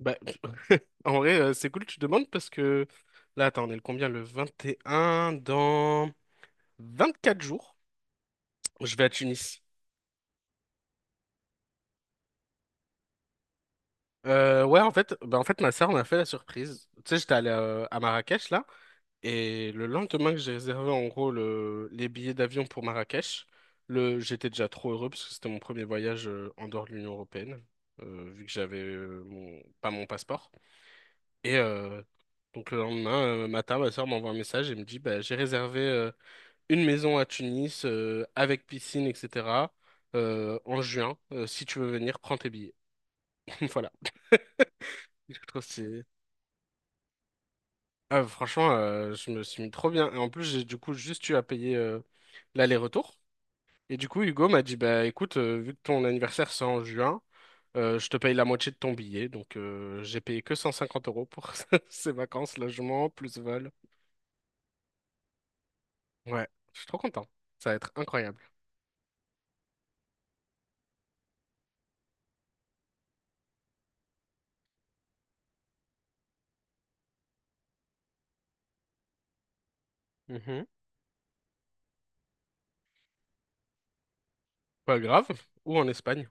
Bah, en vrai, c'est cool que tu demandes parce que là, attends, on est le combien? Le 21 dans 24 jours. Je vais à Tunis. En fait, ma sœur m'a fait la surprise. Tu sais, j'étais allé à Marrakech là, et le lendemain que j'ai réservé en gros les billets d'avion pour Marrakech, j'étais déjà trop heureux parce que c'était mon premier voyage en dehors de l'Union européenne, vu que j'avais pas mon passeport. Et euh, donc le lendemain matin, ma sœur m'envoie un message et me dit, bah, j'ai réservé une maison à Tunis avec piscine, etc. En juin. Si tu veux venir, prends tes billets. Voilà. Je trouve que c'est- Ah, franchement, je me suis mis trop bien. Et en plus, j'ai du coup juste eu à payer l'aller-retour. Et du coup, Hugo m'a dit, bah écoute, vu que ton anniversaire c'est en juin, je te paye la moitié de ton billet. Donc j'ai payé que 150 euros pour ces vacances, logement, plus vol. Ouais, je suis trop content. Ça va être incroyable. Mhm. Pas grave. Ou en Espagne.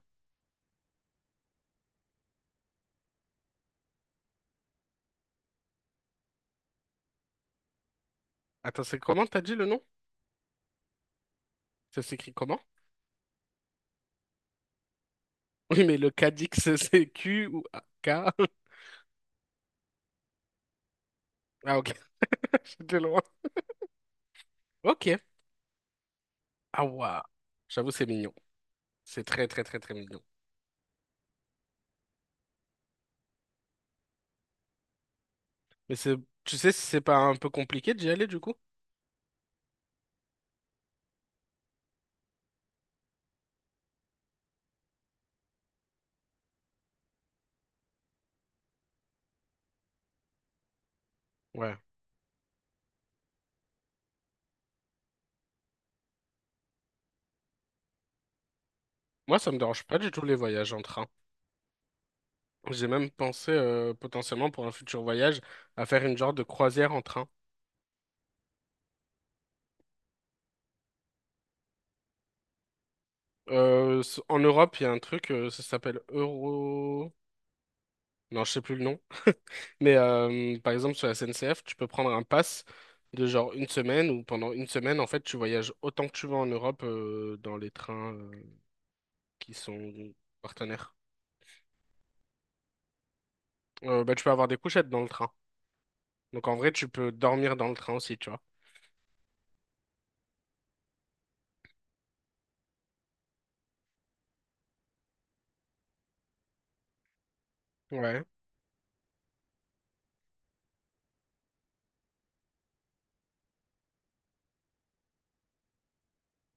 Attends, c'est comment t'as dit le nom? Ça s'écrit comment? Oui, mais le Cadix, c'est Q ou K? Ah, ok, j'étais loin. Ok. Ah, waouh. J'avoue, c'est mignon. C'est très, très, très, très mignon. Mais c'est, tu sais si c'est pas un peu compliqué d'y aller, du coup? Ouais. Moi, ça me dérange pas du tout les voyages en train. J'ai même pensé, potentiellement, pour un futur voyage, à faire une genre de croisière en train. En Europe, il y a un truc, ça s'appelle Euro... Non, je sais plus le nom. Mais par exemple, sur la SNCF, tu peux prendre un pass de genre une semaine ou pendant une semaine, en fait, tu voyages autant que tu veux en Europe dans les trains qui sont partenaires. Tu peux avoir des couchettes dans le train. Donc en vrai, tu peux dormir dans le train aussi, tu vois. Ouais.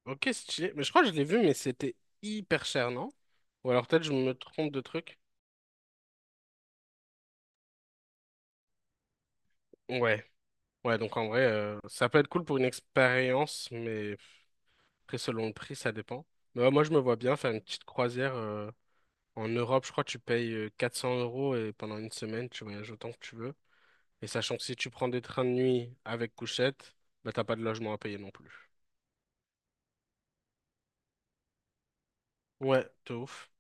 Ok, stylé. Mais je crois que je l'ai vu, mais c'était hyper cher, non? Ou alors peut-être je me trompe de truc. Ouais. Ouais, donc en vrai, ça peut être cool pour une expérience, mais après, selon le prix, ça dépend. Mais ouais, moi, je me vois bien faire une petite croisière. En Europe, je crois que tu payes 400 euros et pendant une semaine, tu voyages autant que tu veux. Et sachant que si tu prends des trains de nuit avec couchette, bah t'as pas de logement à payer non plus. Ouais, de ouf.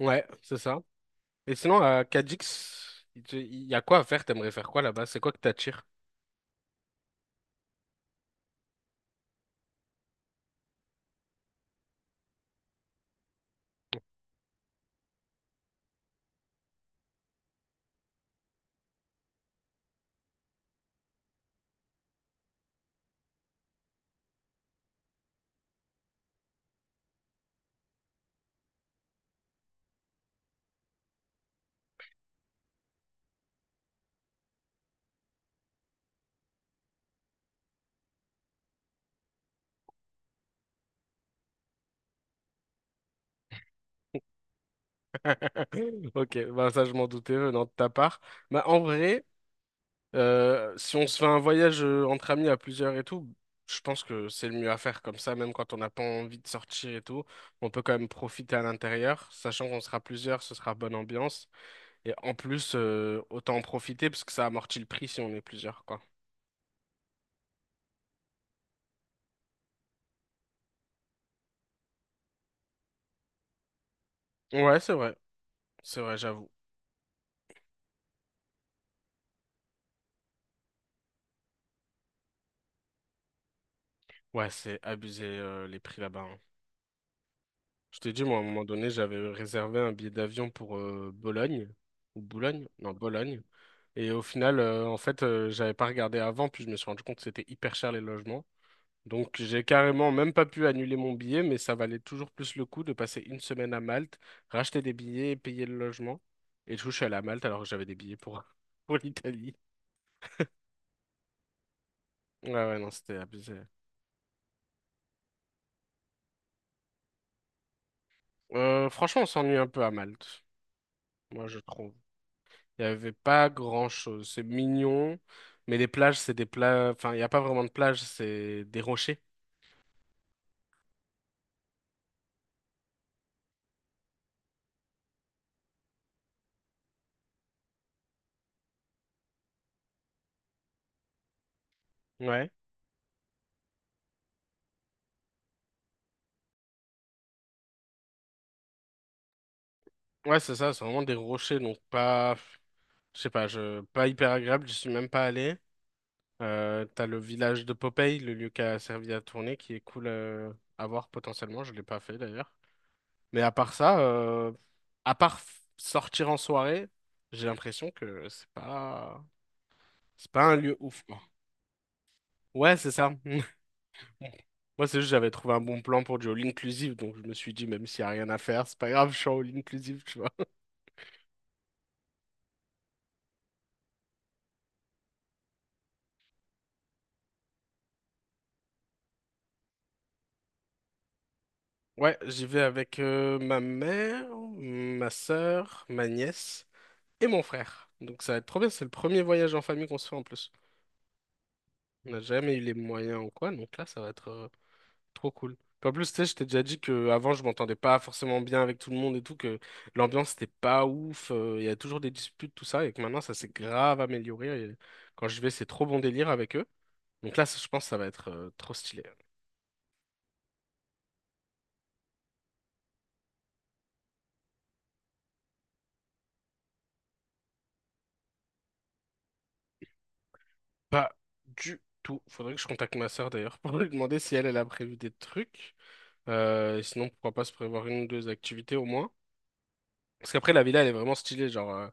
Ouais, c'est ça. Et sinon, à Cadix, il y a quoi à faire? T'aimerais faire quoi là-bas? C'est quoi que t'attires? Ok, bah ça je m'en doutais venant de ta part. Bah en vrai, si on se fait un voyage entre amis à plusieurs et tout, je pense que c'est le mieux à faire comme ça, même quand on n'a pas envie de sortir et tout. On peut quand même profiter à l'intérieur, sachant qu'on sera plusieurs, ce sera bonne ambiance. Et en plus, autant en profiter parce que ça amortit le prix si on est plusieurs, quoi. Ouais, c'est vrai, j'avoue. Ouais, c'est abusé les prix là-bas, hein. Je t'ai dit, moi, à un moment donné, j'avais réservé un billet d'avion pour Bologne, ou Boulogne, non, Bologne. Et au final, j'avais pas regardé avant, puis je me suis rendu compte que c'était hyper cher les logements. Donc, j'ai carrément même pas pu annuler mon billet, mais ça valait toujours plus le coup de passer une semaine à Malte, racheter des billets et payer le logement. Et du coup, je suis allé à Malte alors que j'avais des billets pour, pour l'Italie. Ouais, ouais, non, c'était abusé. Franchement, on s'ennuie un peu à Malte, moi, je trouve. Il n'y avait pas grand-chose. C'est mignon, mais les plages, c'est des plages... Enfin, il n'y a pas vraiment de plage, c'est des rochers. Ouais. Ouais, c'est ça, c'est vraiment des rochers, donc pas... Je sais pas, je... pas hyper agréable, je suis même pas allé. T'as le village de Popeye, le lieu qui a servi à tourner, qui est cool à voir potentiellement, je l'ai pas fait d'ailleurs. Mais à part ça, à part sortir en soirée, j'ai l'impression que c'est pas... C'est pas un lieu ouf, quoi. Ouais, c'est ça. Moi, c'est juste j'avais trouvé un bon plan pour du all inclusive, donc je me suis dit, même s'il n'y a rien à faire, c'est pas grave, je suis en all inclusive, tu vois. Ouais, j'y vais avec ma mère, ma sœur, ma nièce et mon frère. Donc ça va être trop bien, c'est le premier voyage en famille qu'on se fait en plus. On n'a jamais eu les moyens ou quoi, donc là, ça va être trop cool. Puis en plus, tu sais, je t'ai déjà dit que avant je m'entendais pas forcément bien avec tout le monde et tout, que l'ambiance n'était pas ouf, il y a toujours des disputes, tout ça, et que maintenant, ça s'est grave amélioré. Et quand je vais, c'est trop bon délire avec eux. Donc là, ça, je pense que ça va être trop stylé. Pas du tout. Faudrait que je contacte ma sœur d'ailleurs pour lui demander si elle a prévu des trucs. Sinon, pourquoi pas se prévoir une ou deux activités au moins. Parce qu'après, la villa, elle est vraiment stylée. Genre,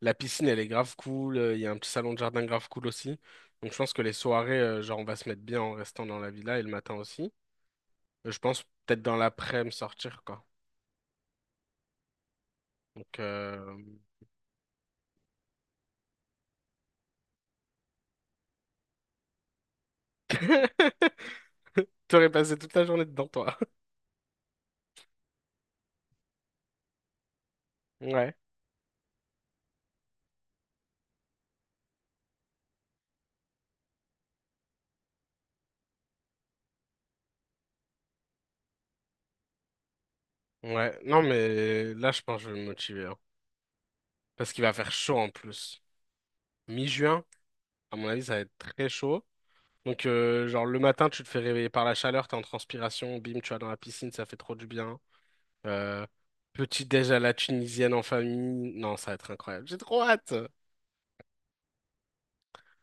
la piscine, elle est grave cool. Il y a un petit salon de jardin grave cool aussi. Donc, je pense que les soirées, genre, on va se mettre bien en restant dans la villa et le matin aussi. Je pense peut-être dans l'après-midi sortir, quoi. Donc, euh, T'aurais passé toute la journée dedans, toi. Ouais. Ouais. Non, mais là, je pense que je vais me motiver, hein. Parce qu'il va faire chaud en plus. Mi-juin, à mon avis, ça va être très chaud. Donc, genre, le matin, tu te fais réveiller par la chaleur, t'es en transpiration, bim, tu vas dans la piscine, ça fait trop du bien. Euh, petit déj à la tunisienne en famille. Non, ça va être incroyable. J'ai trop hâte.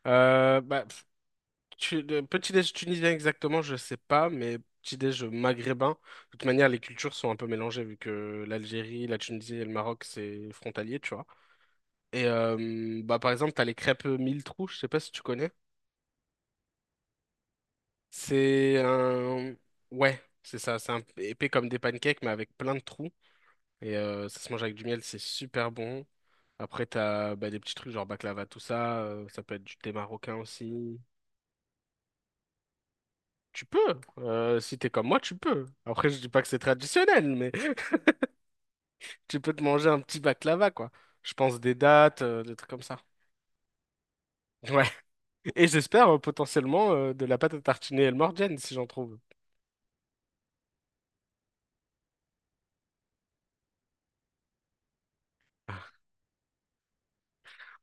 Euh, bah, pff, le petit déj tunisien exactement, je sais pas, mais petit déj maghrébin. De toute manière, les cultures sont un peu mélangées vu que l'Algérie, la Tunisie et le Maroc, c'est frontalier, tu vois. Par exemple, t'as les crêpes mille trous, je sais pas si tu connais. C'est un... Ouais, c'est ça, c'est un peu épais comme des pancakes, mais avec plein de trous. Ça se mange avec du miel, c'est super bon. Après, t'as des petits trucs genre baklava, tout ça. Ça peut être du thé marocain aussi. Tu peux, si t'es comme moi, tu peux. Après, je dis pas que c'est traditionnel, mais tu peux te manger un petit baklava, quoi. Je pense des dates, des trucs comme ça. Ouais. Et j'espère potentiellement de la pâte à tartiner El Morgiane, si j'en trouve.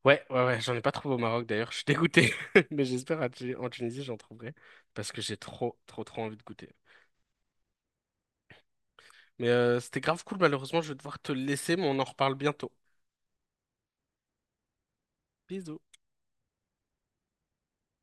Ouais, ouais, ouais, j'en ai pas trouvé au Maroc d'ailleurs, je suis dégoûté. Mais j'espère à en Tunisie, j'en trouverai. Parce que j'ai trop, trop, trop envie de goûter. Mais c'était grave cool, malheureusement, je vais devoir te laisser, mais on en reparle bientôt. Bisous.